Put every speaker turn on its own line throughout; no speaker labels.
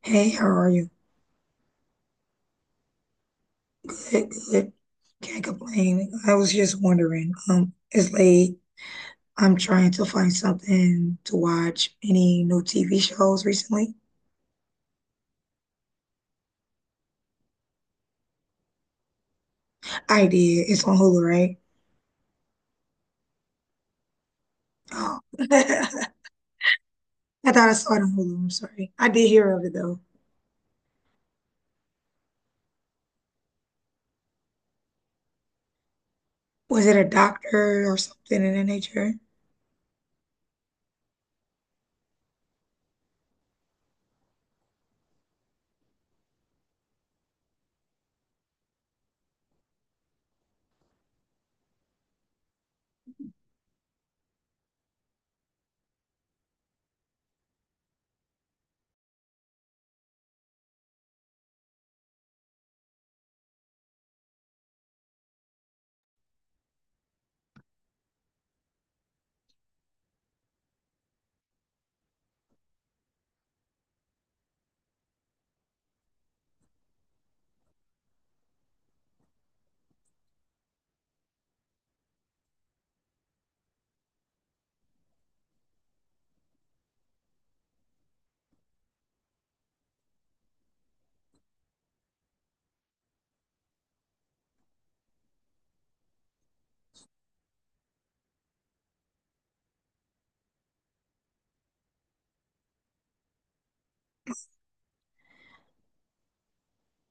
Hey, how are you? Good, good. Can't complain. I was just wondering, it's late. I'm trying to find something to watch. Any new TV shows recently? I did. It's on Hulu, right? Oh. I thought I saw it on Hulu. I'm sorry. I did hear of it though. Was it a doctor or something in that nature?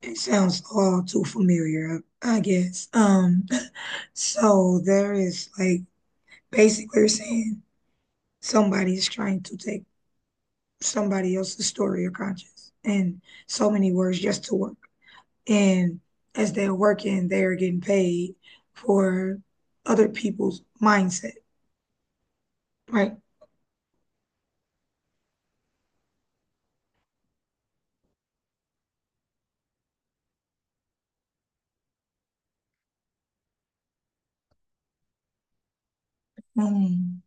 It sounds all too familiar, I guess. So there is like basically you're saying somebody's trying to take somebody else's story or conscience in so many words just to work. And as they're working, they're getting paid for other people's mindset, right? Mm.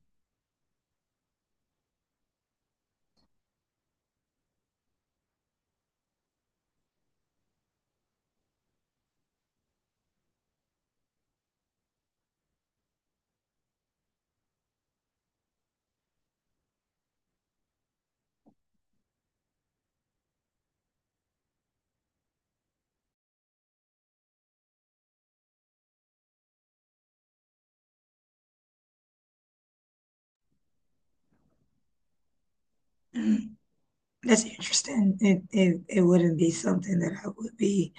That's interesting. It wouldn't be something that I would be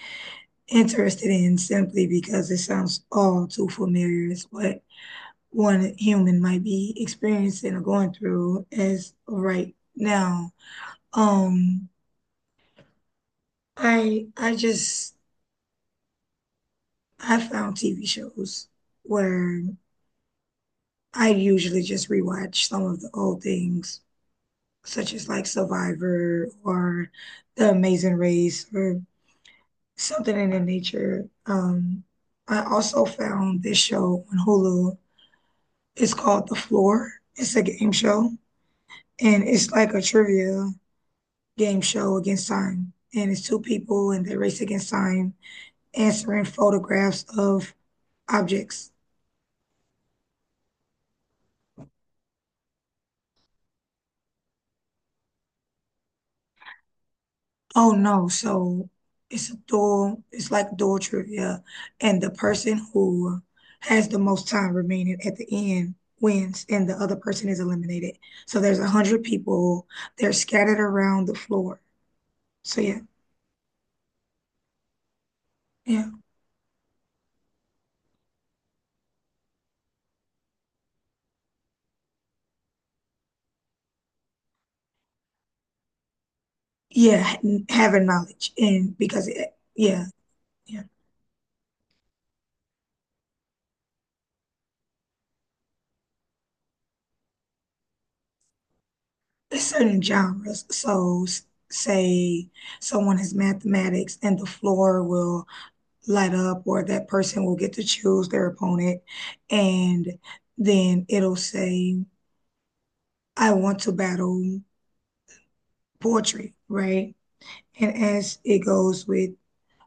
interested in simply because it sounds all too familiar. It's what one human might be experiencing or going through as right now. Um, I just I found TV shows where I usually just rewatch some of the old things, such as like Survivor or The Amazing Race or something in that nature. I also found this show on Hulu. It's called The Floor. It's a game show, and it's like a trivia game show against time. And it's two people, and they race against time, answering photographs of objects. Oh no, so it's like dual trivia. And the person who has the most time remaining at the end wins, and the other person is eliminated. So there's 100 people, they're scattered around the floor. So yeah, yeah, yeah, having knowledge. Yeah, yeah, it's certain genres. So say someone has mathematics, and the floor will light up or that person will get to choose their opponent and then it'll say I want to battle poetry, right, and as it goes with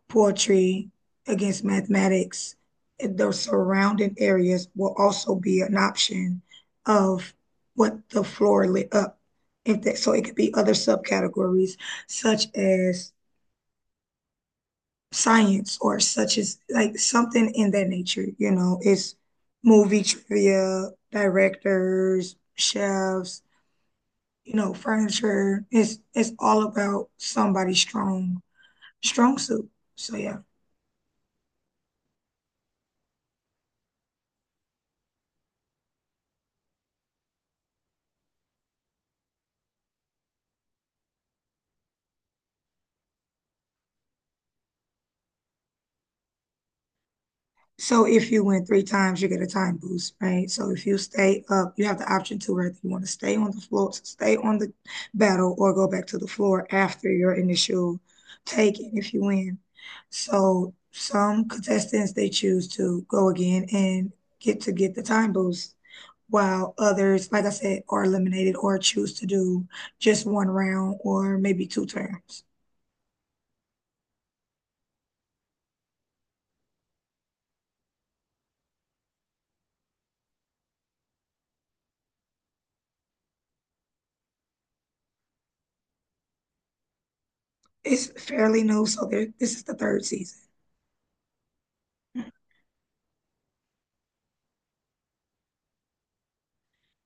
poetry against mathematics the surrounding areas will also be an option of what the floor lit up if that so it could be other subcategories such as science or such as like something in that nature, you know, it's movie trivia, directors, chefs, you know, furniture. It's all about somebody's strong suit. So yeah. So if you win 3 times, you get a time boost, right? So if you stay up, you have the option to whether you want to stay on the floor, stay on the battle, or go back to the floor after your initial taking if you win. So some contestants they choose to go again and get to get the time boost, while others, like I said, are eliminated or choose to do just one round or maybe two turns. It's fairly new, so there, this is the 3rd season.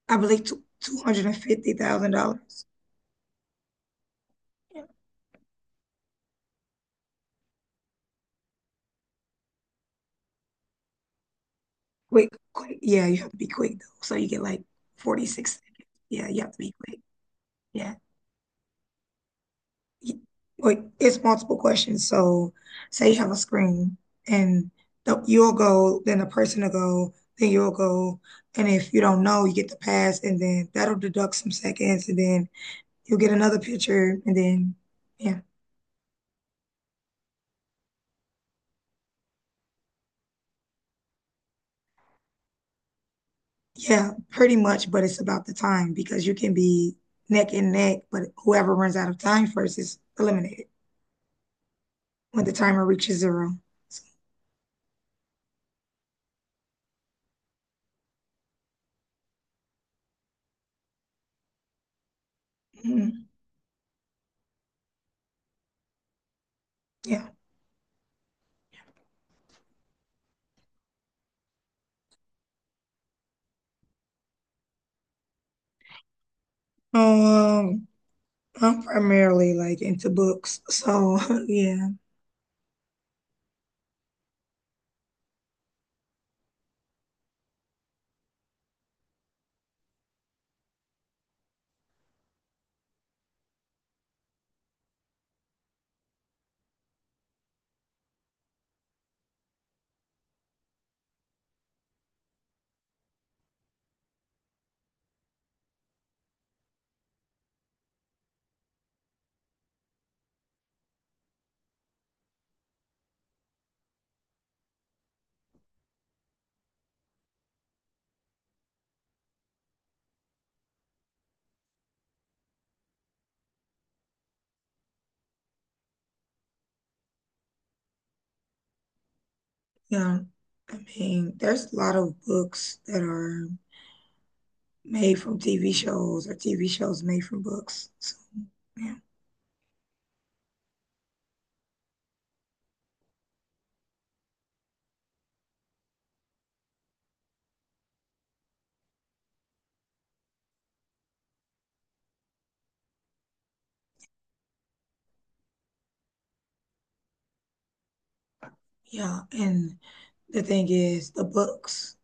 I believe two hundred and fifty thousand dollars. Yeah. Quick, quick. Yeah, you have to be quick though. So you get like 46 seconds. Yeah, you have to be quick. Yeah. Y- Like it's multiple questions. So say you have a screen and you'll go, then the person will go, then you'll go. And if you don't know, you get the pass and then that'll deduct some seconds and then you'll get another picture and then yeah. Yeah, pretty much, but it's about the time because you can be neck and neck, but whoever runs out of time first is eliminated when the timer reaches 0. So, mm, yeah. Um, I'm primarily like into books, so yeah, yeah. I mean, there's a lot of books that are made from TV shows or TV shows made from books. So, yeah, yeah. And the thing is, the books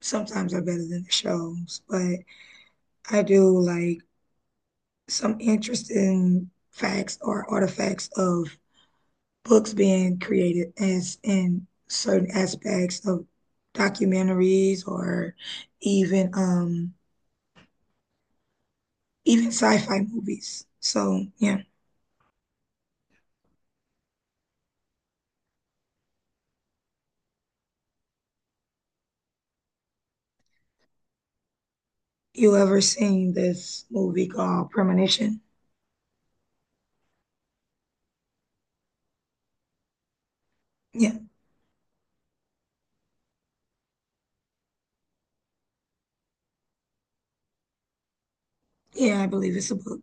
sometimes are better than the shows, but I do like some interesting facts or artifacts of books being created as in certain aspects of documentaries or even um even sci-fi movies. So yeah, you ever seen this movie called Premonition? Yeah, yeah, I believe it's a book.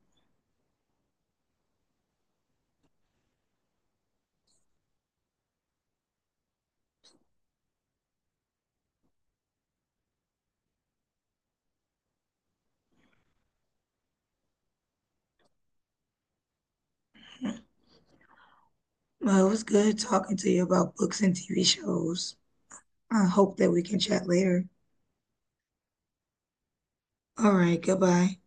Well, it was good talking to you about books and TV shows. I hope that we can chat later. All right, goodbye.